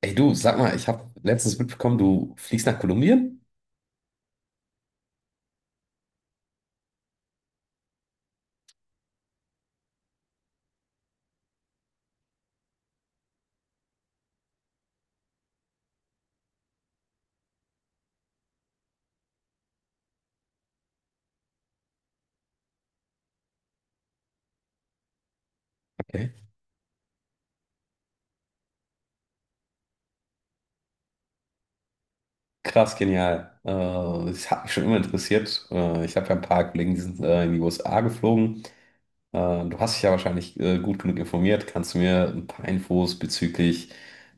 Ey du, sag mal, ich habe letztens mitbekommen, du fliegst nach Kolumbien? Okay. Krass, genial. Das hat mich schon immer interessiert. Ich habe ja ein paar Kollegen, die sind in die USA geflogen. Äh, Du hast dich ja wahrscheinlich gut genug informiert. Kannst du mir ein paar Infos bezüglich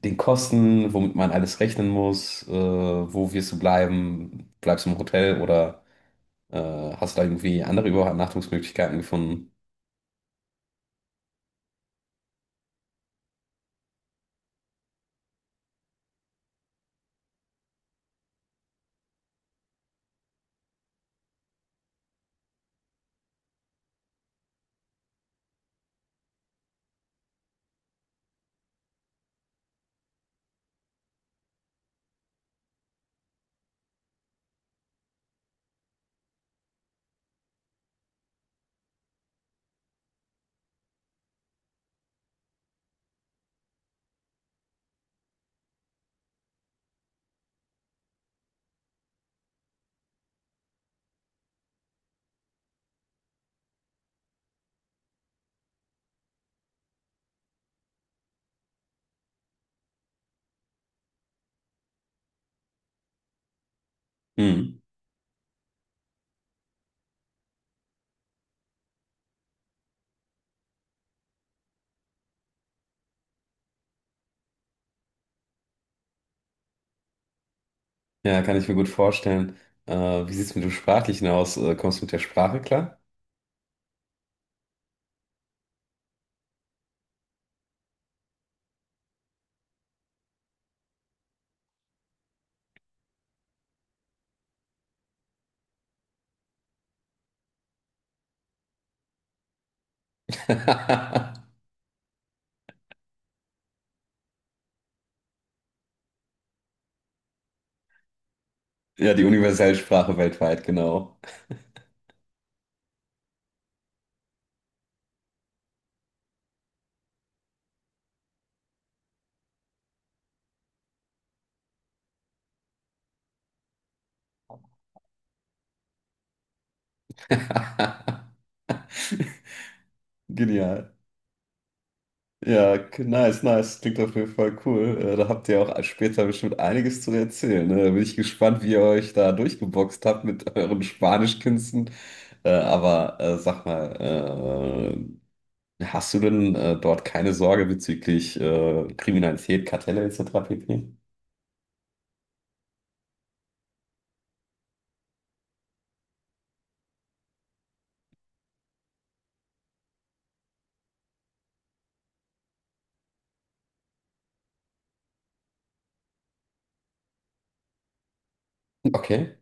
den Kosten, womit man alles rechnen muss, wo wirst du bleiben? Bleibst du im Hotel oder äh, hast du da irgendwie andere Übernachtungsmöglichkeiten gefunden? Hm. Ja, kann ich mir gut vorstellen. Wie sieht es mit dem Sprachlichen aus? Kommst du mit der Sprache klar? Ja, die universelle Sprache weltweit, genau. Genial. Ja, nice, nice. Klingt auf jeden Fall cool. Da habt ihr auch später bestimmt einiges zu erzählen. Ne? Da bin ich gespannt, wie ihr euch da durchgeboxt habt mit euren Spanischkünsten. Aber sag mal, hast du denn dort keine Sorge bezüglich Kriminalität, Kartelle etc. pp? Okay.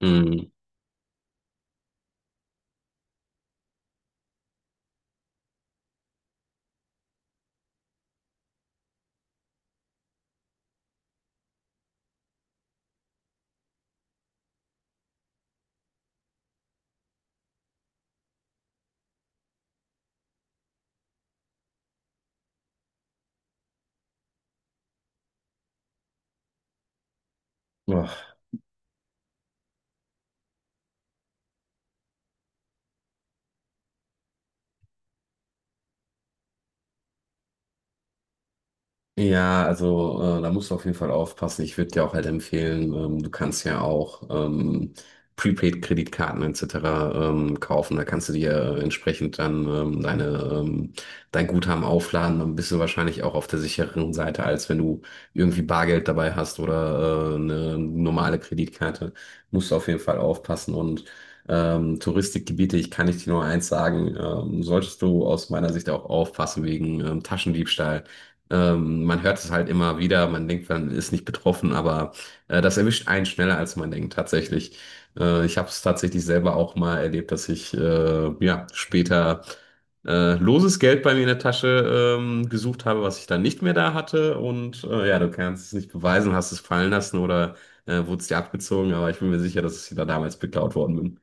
Mhm. Ja, also da musst du auf jeden Fall aufpassen. Ich würde dir auch halt empfehlen, du kannst ja auch Prepaid-Kreditkarten etc. Kaufen. Da kannst du dir entsprechend dann deine, ähm, dein Guthaben aufladen. Dann bist du wahrscheinlich auch auf der sicheren Seite, als wenn du irgendwie Bargeld dabei hast oder eine normale Kreditkarte. Musst du auf jeden Fall aufpassen. Und Touristikgebiete, ich kann nicht nur eins sagen, solltest du aus meiner Sicht auch aufpassen wegen Taschendiebstahl. Man hört es halt immer wieder, man denkt, man ist nicht betroffen, aber das erwischt einen schneller, als man denkt, tatsächlich. Ich habe es tatsächlich selber auch mal erlebt, dass ich ja, später loses Geld bei mir in der Tasche gesucht habe, was ich dann nicht mehr da hatte. Und ja, du kannst es nicht beweisen, hast es fallen lassen oder wurde es dir abgezogen, aber ich bin mir sicher, dass ich da damals beklaut worden bin.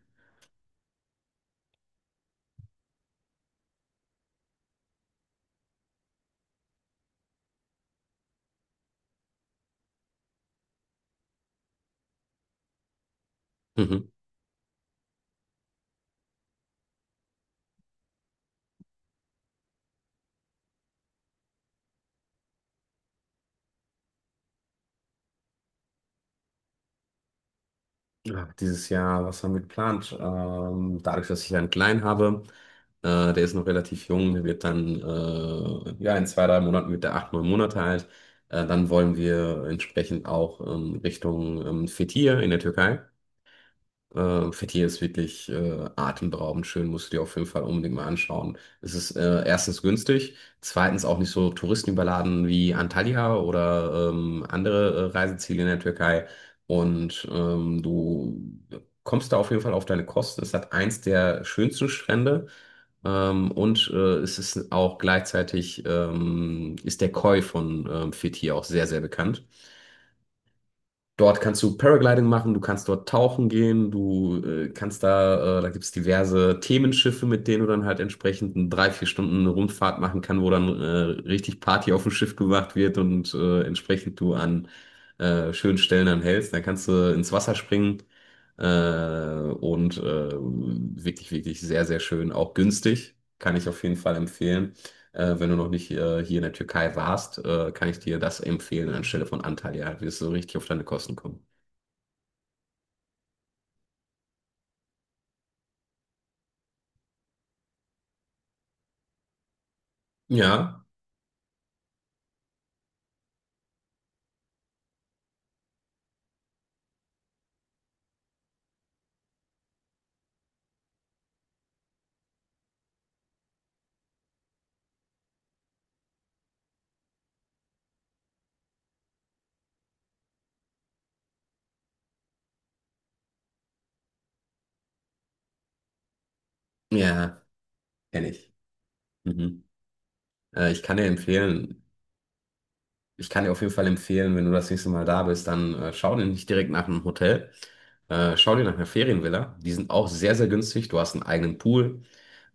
Mhm. Ja, dieses Jahr, was haben wir geplant? Dadurch, dass ich einen Kleinen habe, der ist noch relativ jung, der wird dann, ja, in 2, 3 Monaten wird der 8, 9 Monate alt. Dann wollen wir entsprechend auch Richtung Fethiye in der Türkei. Fethiye ist wirklich atemberaubend schön, musst du dir auf jeden Fall unbedingt mal anschauen. Es ist erstens günstig, zweitens auch nicht so touristenüberladen wie Antalya oder andere Reiseziele in der Türkei. Und du kommst da auf jeden Fall auf deine Kosten. Es hat eins der schönsten Strände und es ist auch gleichzeitig ist der Koi von Fethiye auch sehr, sehr bekannt. Dort kannst du Paragliding machen, du kannst dort tauchen gehen, du kannst da, da gibt's diverse Themenschiffe, mit denen du dann halt entsprechend eine 3, 4 Stunden eine Rundfahrt machen kann, wo dann richtig Party auf dem Schiff gemacht wird und entsprechend du an schönen Stellen dann hältst. Dann kannst du ins Wasser springen äh, und wirklich, wirklich sehr, sehr schön, auch günstig, kann ich auf jeden Fall empfehlen. Wenn du noch nicht hier in der Türkei warst, kann ich dir das empfehlen anstelle von Antalya. Du wirst du richtig auf deine Kosten kommen. Ja, ja, kenne ich. Mhm. Ich kann dir empfehlen, ich kann dir auf jeden Fall empfehlen, wenn du das nächste Mal da bist, dann schau dir nicht direkt nach einem Hotel. Schau dir nach einer Ferienvilla. Die sind auch sehr, sehr günstig. Du hast einen eigenen Pool.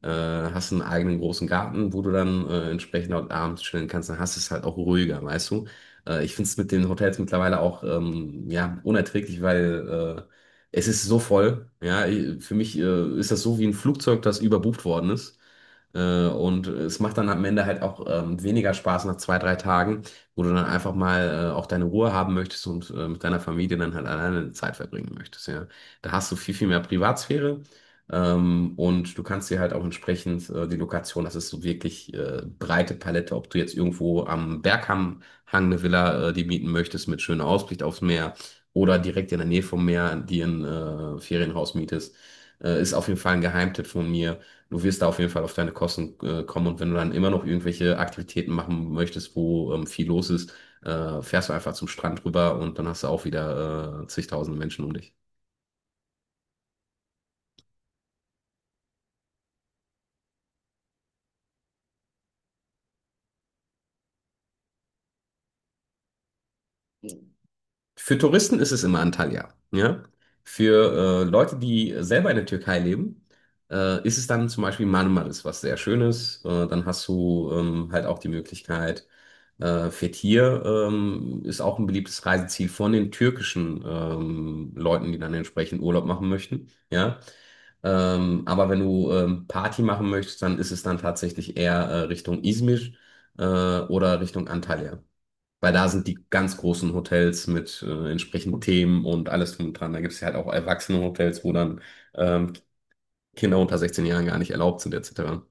Hast einen eigenen großen Garten, wo du dann entsprechend auch abends chillen kannst, dann hast du es halt auch ruhiger, weißt du? Ich finde es mit den Hotels mittlerweile auch ja, unerträglich, weil es ist so voll. Ja, für mich ist das so wie ein Flugzeug, das überbucht worden ist. Und es macht dann am Ende halt auch weniger Spaß nach 2, 3 Tagen, wo du dann einfach mal auch deine Ruhe haben möchtest und mit deiner Familie dann halt alleine Zeit verbringen möchtest. Ja. Da hast du viel, viel mehr Privatsphäre. Und du kannst dir halt auch entsprechend die Lokation, das ist so wirklich breite Palette, ob du jetzt irgendwo am Berghang Hang eine Villa die mieten möchtest mit schöner Aussicht aufs Meer oder direkt in der Nähe vom Meer dir ein Ferienhaus mietest, ist auf jeden Fall ein Geheimtipp von mir. Du wirst da auf jeden Fall auf deine Kosten kommen und wenn du dann immer noch irgendwelche Aktivitäten machen möchtest, wo viel los ist, fährst du einfach zum Strand rüber und dann hast du auch wieder zigtausende Menschen um dich. Für Touristen ist es immer Antalya, ja. Für Leute, die selber in der Türkei leben, ist es dann zum Beispiel Marmaris, was sehr schön ist. Dann hast du halt auch die Möglichkeit, Fethiye ist auch ein beliebtes Reiseziel von den türkischen Leuten, die dann entsprechend Urlaub machen möchten, ja. Aber wenn du Party machen möchtest, dann ist es dann tatsächlich eher Richtung Izmir oder Richtung Antalya. Weil da sind die ganz großen Hotels mit entsprechenden Themen und alles drum und dran. Da gibt es ja halt auch Erwachsenenhotels, wo dann ähm, Kinder unter 16 Jahren gar nicht erlaubt sind, etc.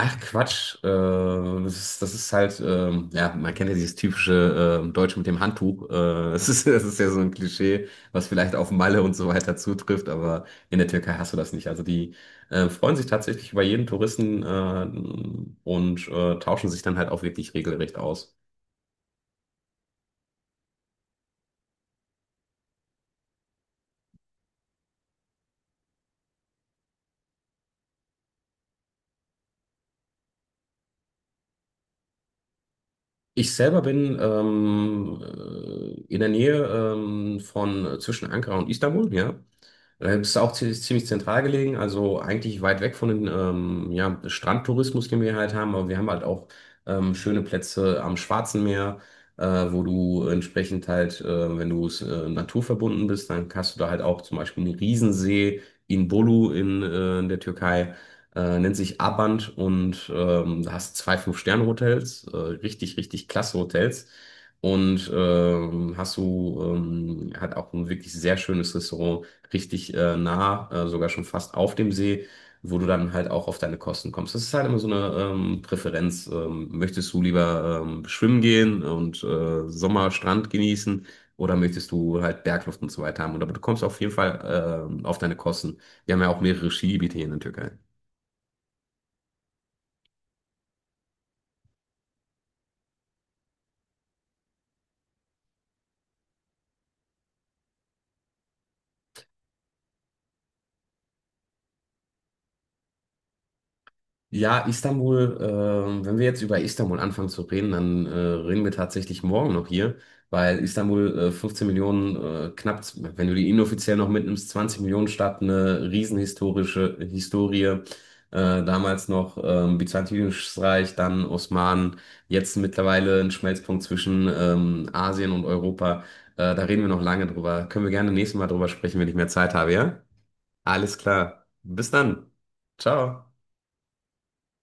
Ach Quatsch, das ist halt, ja, man kennt ja dieses typische Deutsche mit dem Handtuch. Das ist, das ist ja so ein Klischee, was vielleicht auf Malle und so weiter zutrifft, aber in der Türkei hast du das nicht. Also die freuen sich tatsächlich über jeden Touristen und tauschen sich dann halt auch wirklich regelrecht aus. Ich selber bin in der Nähe von zwischen Ankara und Istanbul, ja. Es ist auch ziemlich zentral gelegen, also eigentlich weit weg von dem ja, Strandtourismus, den wir halt haben, aber wir haben halt auch schöne Plätze am Schwarzen Meer, äh, wo du entsprechend halt, wenn du es naturverbunden bist, dann hast du da halt auch zum Beispiel einen Riesensee in Bolu in der Türkei nennt sich Abant und da hast zwei Fünf-Sterne-Hotels, richtig, richtig klasse Hotels. Und hast du hat auch ein wirklich sehr schönes Restaurant, richtig nah, sogar schon fast auf dem See, wo du dann halt auch auf deine Kosten kommst. Das ist halt immer so eine Präferenz. Möchtest du lieber schwimmen gehen und Sommerstrand genießen oder möchtest du halt Bergluft und so weiter haben? Und aber du kommst auf jeden Fall auf deine Kosten. Wir haben ja auch mehrere Skigebiete hier in der Türkei. Ja, Istanbul, wenn wir jetzt über Istanbul anfangen zu reden, dann reden wir tatsächlich morgen noch hier, weil Istanbul 15 Millionen, knapp, wenn du die inoffiziell noch mitnimmst, 20 Millionen Stadt, eine riesenhistorische Historie. Damals noch Byzantinisches Reich, dann Osmanen, jetzt mittlerweile ein Schmelzpunkt zwischen Asien und Europa. Da reden wir noch lange drüber. Können wir gerne nächstes Mal drüber sprechen, wenn ich mehr Zeit habe, ja? Alles klar. Bis dann. Ciao.